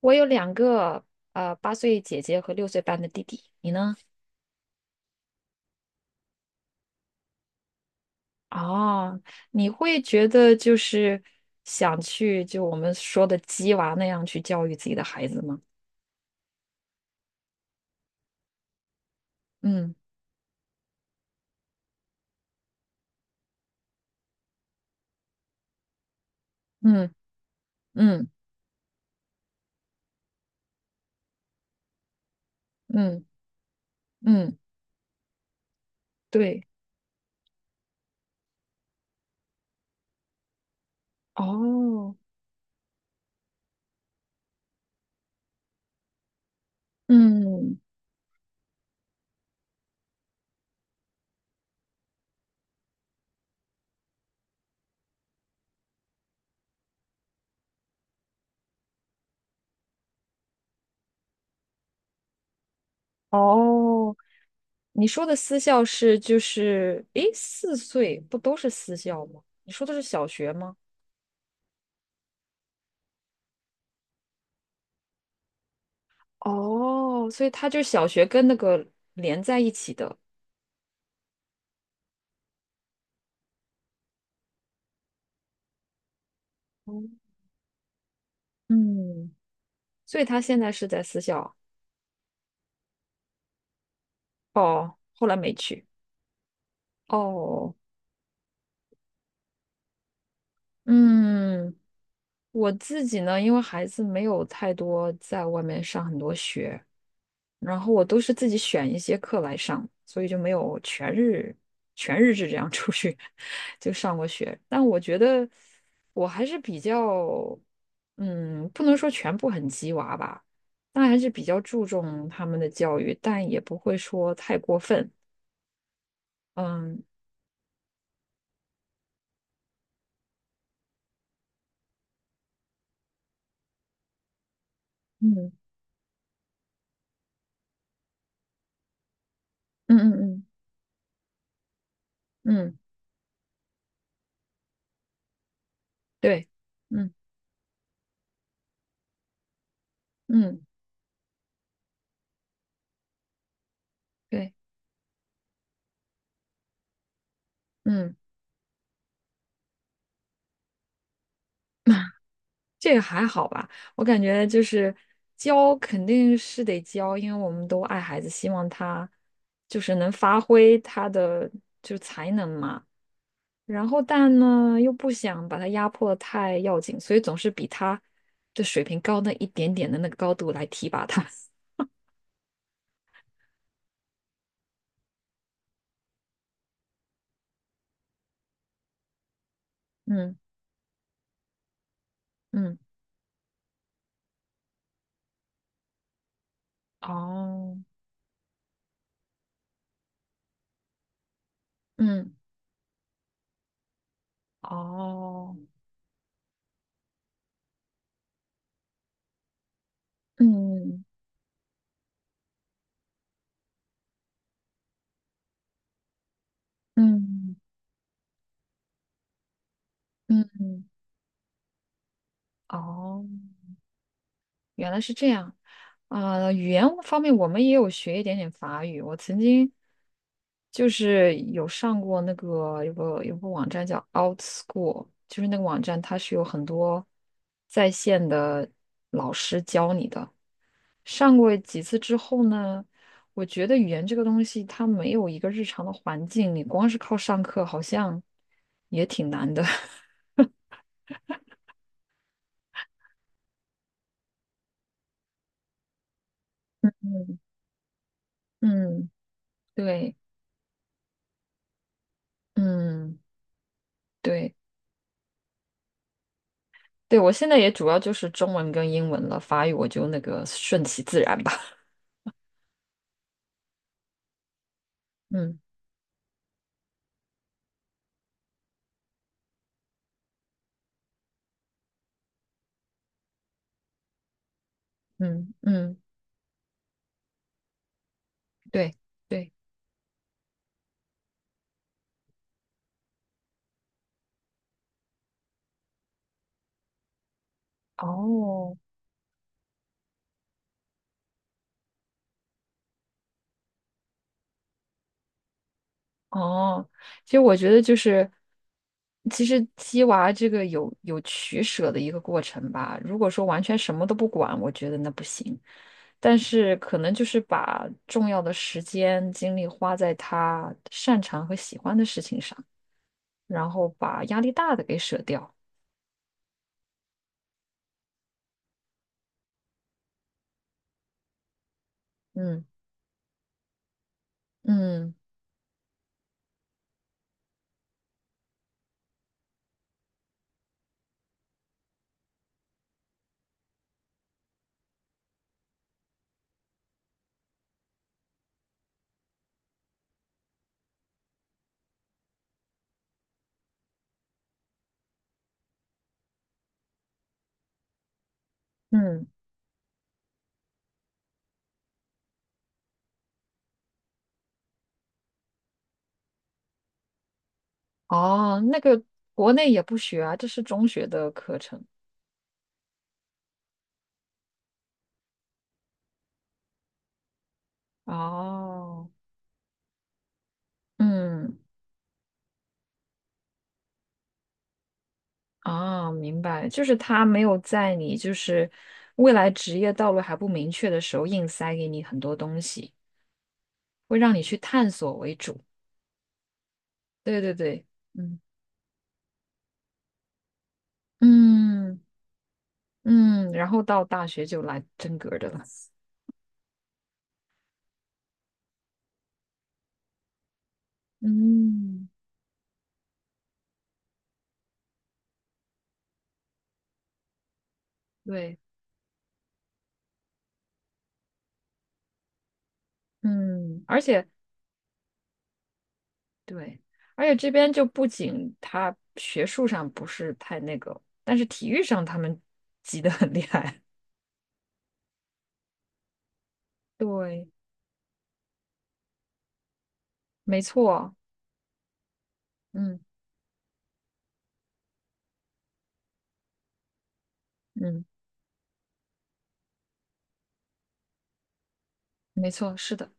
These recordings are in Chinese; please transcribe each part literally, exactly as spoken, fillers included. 我有两个呃八岁姐姐和六岁半的弟弟，你呢？哦，你会觉得就是想去就我们说的鸡娃那样去教育自己的孩子吗？嗯。嗯。嗯。嗯。嗯，对。哦。嗯。哦，你说的私校是就是，诶，四岁不都是私校吗？你说的是小学吗？哦，所以他就是小学跟那个连在一起的。哦。嗯。所以他现在是在私校。哦，后来没去。哦。嗯，我自己呢，因为孩子没有太多在外面上很多学，然后我都是自己选一些课来上，所以就没有全日全日制这样出去 就上过学。但我觉得我还是比较，嗯，不能说全部很鸡娃吧，但还是比较注重他们的教育，但也不会说太过分。嗯。嗯。嗯。嗯。嗯。嗯，对。嗯。嗯，对。嗯。这个还好吧？我感觉就是教肯定是得教，因为我们都爱孩子，希望他就是能发挥他的就是才能嘛。然后但呢又不想把他压迫得太要紧，所以总是比他的水平高那一点点的那个高度来提拔他。嗯。嗯。哦。嗯。哦。嗯。嗯。嗯。哦。原来是这样。啊、语言方面我们也有学一点点法语。我曾经就是有上过那个有个有个网站叫 OutSchool，就是那个网站它是有很多在线的老师教你的。上过几次之后呢，我觉得语言这个东西它没有一个日常的环境，你光是靠上课好像也挺难的。嗯。嗯。对。嗯。对。对，我现在也主要就是中文跟英文了，法语我就那个顺其自然吧。嗯。嗯。嗯。对。对。哦。哦。其实我觉得就是，其实鸡娃这个有有取舍的一个过程吧。如果说完全什么都不管，我觉得那不行。但是可能就是把重要的时间精力花在他擅长和喜欢的事情上，然后把压力大的给舍掉。嗯。嗯。嗯。哦，那个国内也不学啊，这是中学的课程。哦。嗯。啊，明白，就是他没有在你就是未来职业道路还不明确的时候，硬塞给你很多东西，会让你去探索为主。对对对。嗯。嗯。嗯。然后到大学就来真格儿的了。嗯。对。嗯。而且对。而且这边就不仅他学术上不是太那个，但是体育上他们急得很厉害。对。没错。嗯。嗯。没错，是的。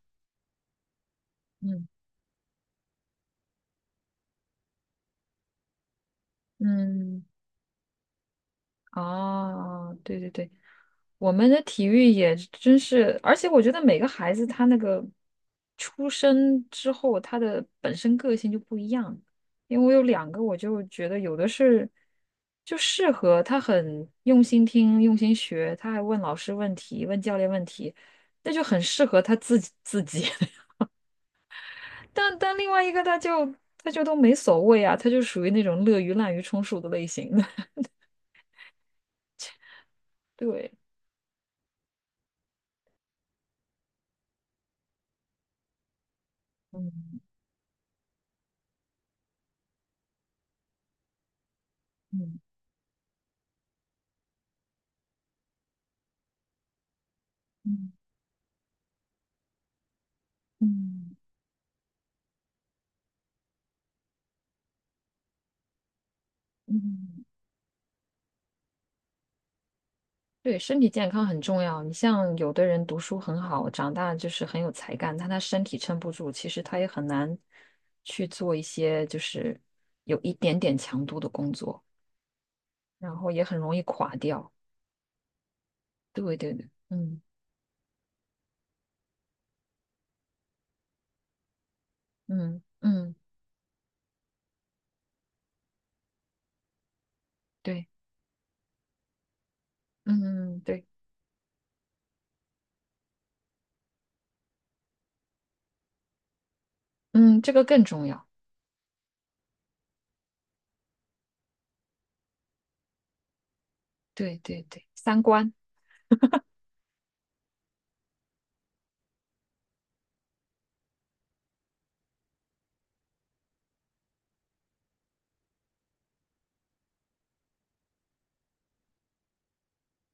嗯。嗯。哦，对对对，我们的体育也真是，而且我觉得每个孩子他那个出生之后，他的本身个性就不一样。因为我有两个，我就觉得有的是就适合他很用心听、用心学，他还问老师问题、问教练问题，那就很适合他自己自己。但但另外一个他就他就都没所谓啊，他就属于那种乐于滥竽充数的类型的。对。嗯。嗯。嗯。嗯，对，身体健康很重要。你像有的人读书很好，长大就是很有才干，但他身体撑不住，其实他也很难去做一些就是有一点点强度的工作，然后也很容易垮掉。对对对。嗯。嗯。嗯。对。嗯。嗯。对。嗯，这个更重要。对对对，三观。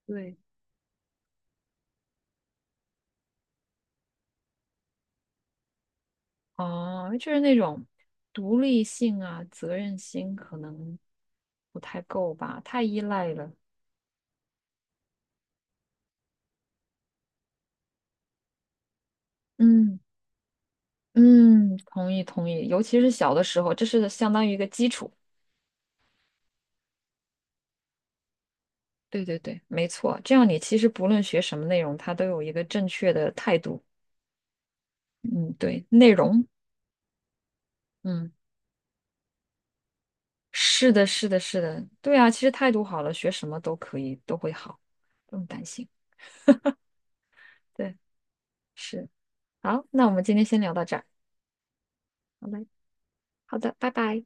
对。哦，就是那种独立性啊，责任心可能不太够吧，太依赖了。嗯。嗯，同意同意，尤其是小的时候，这是相当于一个基础。对对对，没错，这样你其实不论学什么内容，它都有一个正确的态度。嗯。对。内容。嗯。是的，是的，是的，对啊，其实态度好了，学什么都可以，都会好，不用担心。对。是。好，那我们今天先聊到这儿。好嘞，好的，拜拜。